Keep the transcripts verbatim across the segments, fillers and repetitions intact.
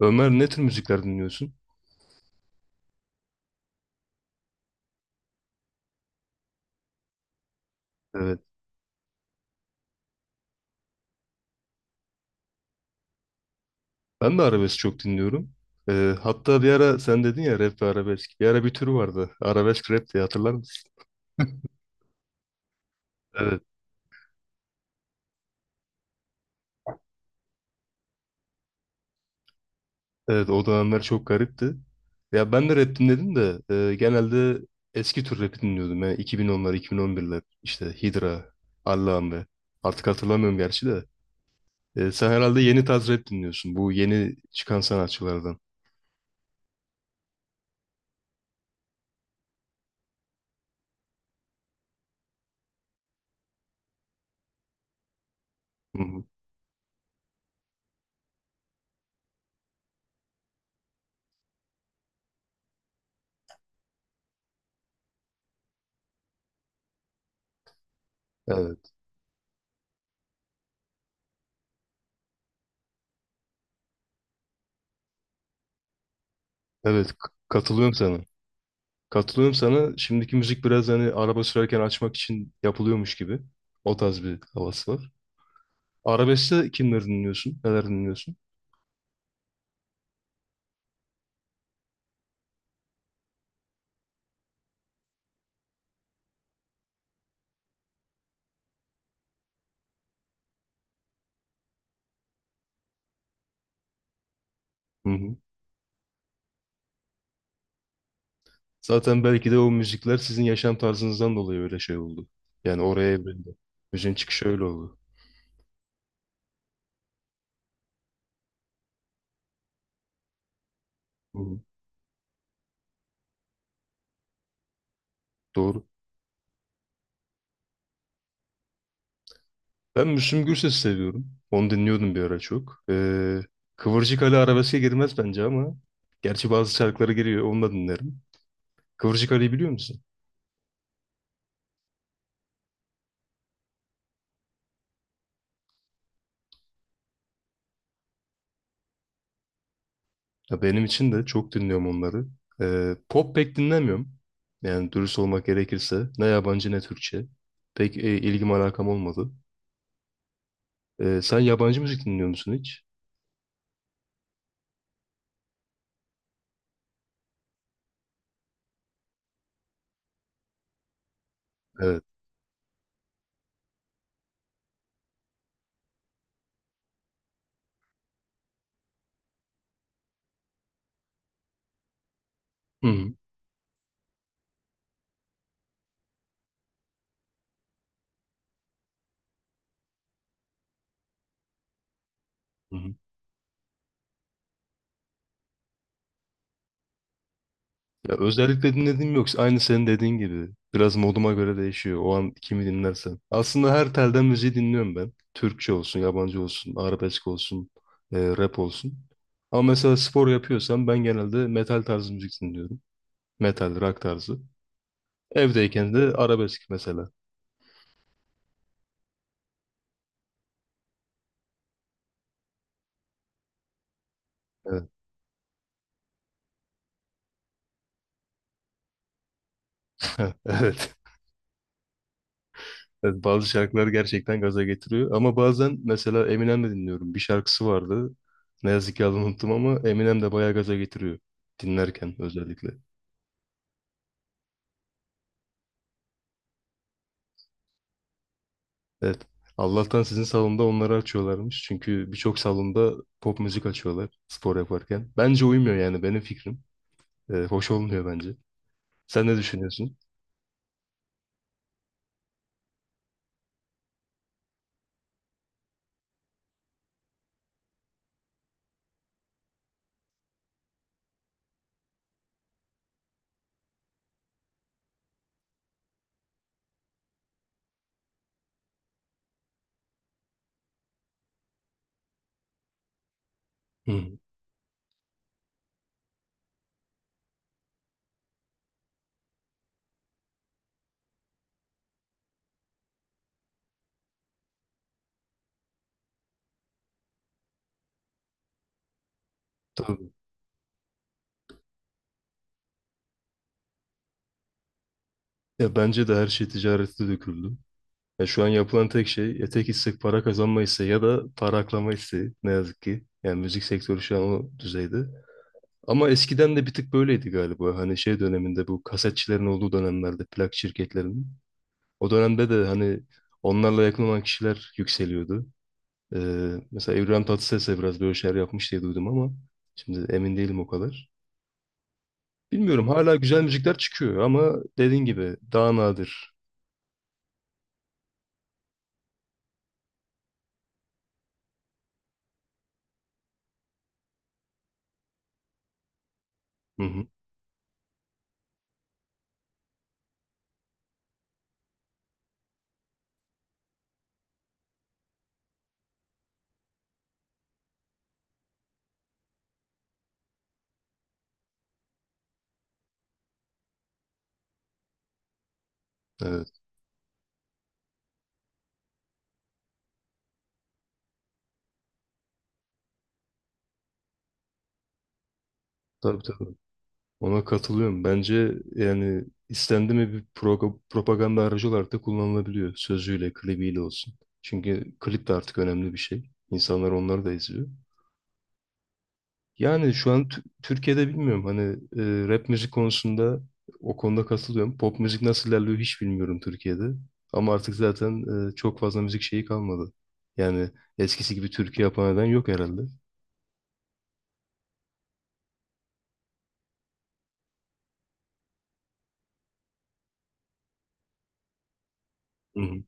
Ömer, ne tür müzikler dinliyorsun? Evet. Ben de arabesk çok dinliyorum. Ee, hatta bir ara sen dedin ya, rap ve arabesk. Bir ara bir türü vardı. Arabesk rap diye hatırlar mısın? Evet. Evet, o dönemler çok garipti. Ya ben de rap dinledim de e, genelde eski tür rapi dinliyordum. Yani iki bin onlar, iki bin on birler. İşte Hydra, Allame. Artık hatırlamıyorum gerçi de. E, sen herhalde yeni tarz rap dinliyorsun. Bu yeni çıkan sanatçılardan. Hı hı. Evet. Evet, k- katılıyorum sana. Katılıyorum sana. Şimdiki müzik biraz hani araba sürerken açmak için yapılıyormuş gibi. O tarz bir havası var. Arabeskte kimleri dinliyorsun? Neler dinliyorsun? Hı hı. Zaten belki de o müzikler sizin yaşam tarzınızdan dolayı öyle şey oldu. Yani oraya evrildi. Müziğin çıkışı öyle oldu. Hı hı. Doğru. Ben Müslüm Gürses'i seviyorum. Onu dinliyordum bir ara çok. Ee, Kıvırcık Ali arabeske girmez bence ama. Gerçi bazı şarkıları giriyor. Onu da dinlerim. Kıvırcık Ali'yi biliyor musun? Ya benim için de çok dinliyorum onları. Ee, pop pek dinlemiyorum. Yani dürüst olmak gerekirse ne yabancı ne Türkçe. Pek e, ilgim alakam olmadı. Ee, sen yabancı müzik dinliyor musun hiç? Evet. Hı hı. Hı hı. Ya özellikle dinlediğim yok. Aynı senin dediğin gibi. Biraz moduma göre değişiyor. O an kimi dinlersem. Aslında her telden müziği dinliyorum ben. Türkçe olsun, yabancı olsun, arabesk olsun, e, rap olsun. Ama mesela spor yapıyorsam ben genelde metal tarzı müzik dinliyorum. Metal, rock tarzı. Evdeyken de arabesk mesela. Evet. Evet. Evet, bazı şarkılar gerçekten gaza getiriyor. Ama bazen mesela Eminem de dinliyorum. Bir şarkısı vardı. Ne yazık ki adını unuttum ama Eminem de bayağı gaza getiriyor. Dinlerken özellikle. Evet. Allah'tan sizin salonda onları açıyorlarmış. Çünkü birçok salonda pop müzik açıyorlar spor yaparken. Bence uymuyor, yani benim fikrim. Ee, hoş olmuyor bence. Sen ne düşünüyorsun? Hı, tabii. Ya bence de her şey ticarete döküldü. Ya şu an yapılan tek şey etek istek para kazanma isteği ya da para aklama isteği, ne yazık ki. Yani müzik sektörü şu an o düzeyde. Ama eskiden de bir tık böyleydi galiba. Hani şey döneminde, bu kasetçilerin olduğu dönemlerde, plak şirketlerinin. O dönemde de hani onlarla yakın olan kişiler yükseliyordu. Ee, mesela İbrahim Tatlıses de biraz böyle şeyler yapmış diye duydum ama şimdi emin değilim o kadar. Bilmiyorum, hala güzel müzikler çıkıyor ama dediğin gibi daha nadir. Hı hı, evet, tabii tabii. Ona katılıyorum. Bence yani istendi mi bir proga- propaganda aracı olarak da kullanılabiliyor. Sözüyle, klibiyle olsun. Çünkü klip de artık önemli bir şey. İnsanlar onları da izliyor. Yani şu an Tü- Türkiye'de bilmiyorum. Hani e, rap müzik konusunda, o konuda katılıyorum. Pop müzik nasıl ilerliyor hiç bilmiyorum Türkiye'de. Ama artık zaten e, çok fazla müzik şeyi kalmadı. Yani eskisi gibi türkü yapan eden yok herhalde. Hı hı.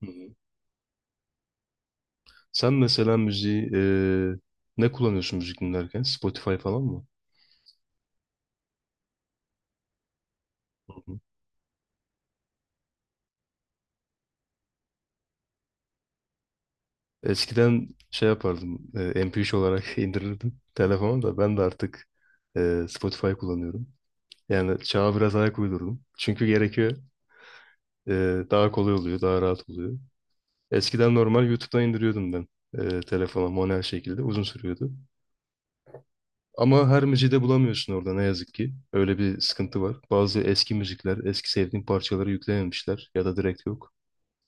Hı hı. Sen mesela müziği eee, ne kullanıyorsun müzik dinlerken? Spotify falan mı? Hı hı. Eskiden şey yapardım. eee, M P üç olarak indirirdim telefona, da ben de artık eee, Spotify kullanıyorum. Yani çağa biraz ayak uydurdum. Çünkü gerekiyor. Eee, daha kolay oluyor, daha rahat oluyor. Eskiden normal YouTube'dan indiriyordum ben eee, telefona manuel şekilde. Uzun sürüyordu. Ama her müziği de bulamıyorsun orada, ne yazık ki. Öyle bir sıkıntı var. Bazı eski müzikler, eski sevdiğin parçaları yüklememişler ya da direkt yok.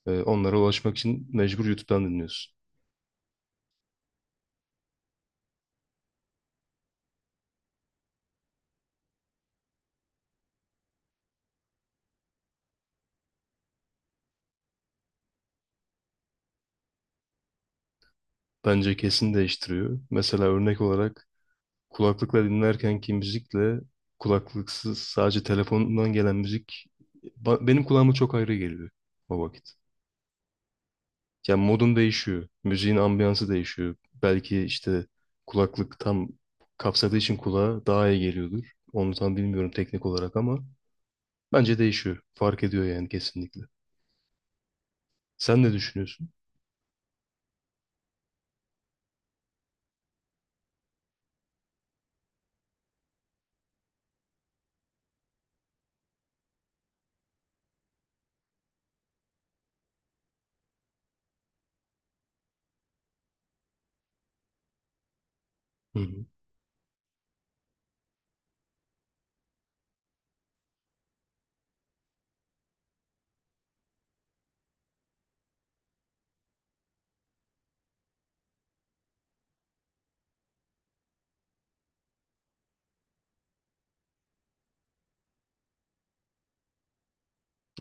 Ee, onlara ulaşmak için mecbur YouTube'dan dinliyorsun. Bence kesin değiştiriyor. Mesela örnek olarak kulaklıkla dinlerkenki müzikle kulaklıksız sadece telefondan gelen müzik ba- benim kulağıma çok ayrı geliyor o vakit. Yani modum değişiyor. Müziğin ambiyansı değişiyor. Belki işte kulaklık tam kapsadığı için kulağa daha iyi geliyordur. Onu tam bilmiyorum teknik olarak ama bence değişiyor. Fark ediyor yani, kesinlikle. Sen ne düşünüyorsun? Hı hı.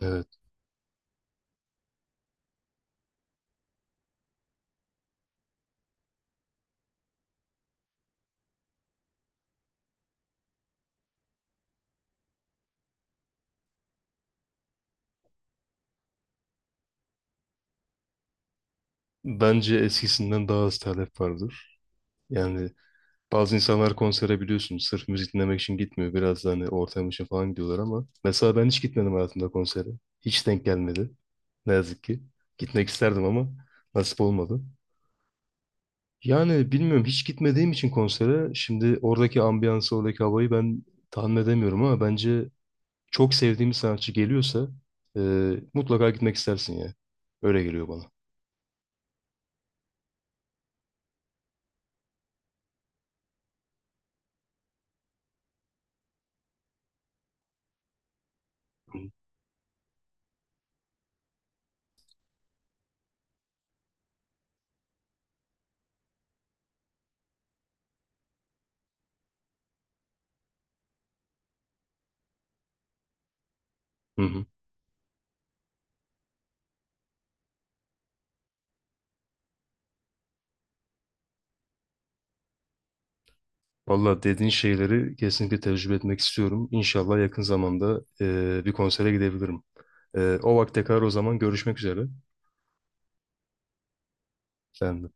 Evet. Bence eskisinden daha az talep vardır. Yani bazı insanlar konsere biliyorsun sırf müzik dinlemek için gitmiyor. Biraz da hani ortam için falan gidiyorlar ama mesela ben hiç gitmedim hayatımda konsere. Hiç denk gelmedi. Ne yazık ki. Gitmek isterdim ama nasip olmadı. Yani bilmiyorum, hiç gitmediğim için konsere, şimdi oradaki ambiyansı, oradaki havayı ben tahmin edemiyorum ama bence çok sevdiğim bir sanatçı geliyorsa e, mutlaka gitmek istersin ya. Öyle geliyor bana. Hı hı. Valla dediğin şeyleri kesinlikle tecrübe etmek istiyorum. İnşallah yakın zamanda e, bir konsere gidebilirim. E, o vakte kadar o zaman görüşmek üzere. Ben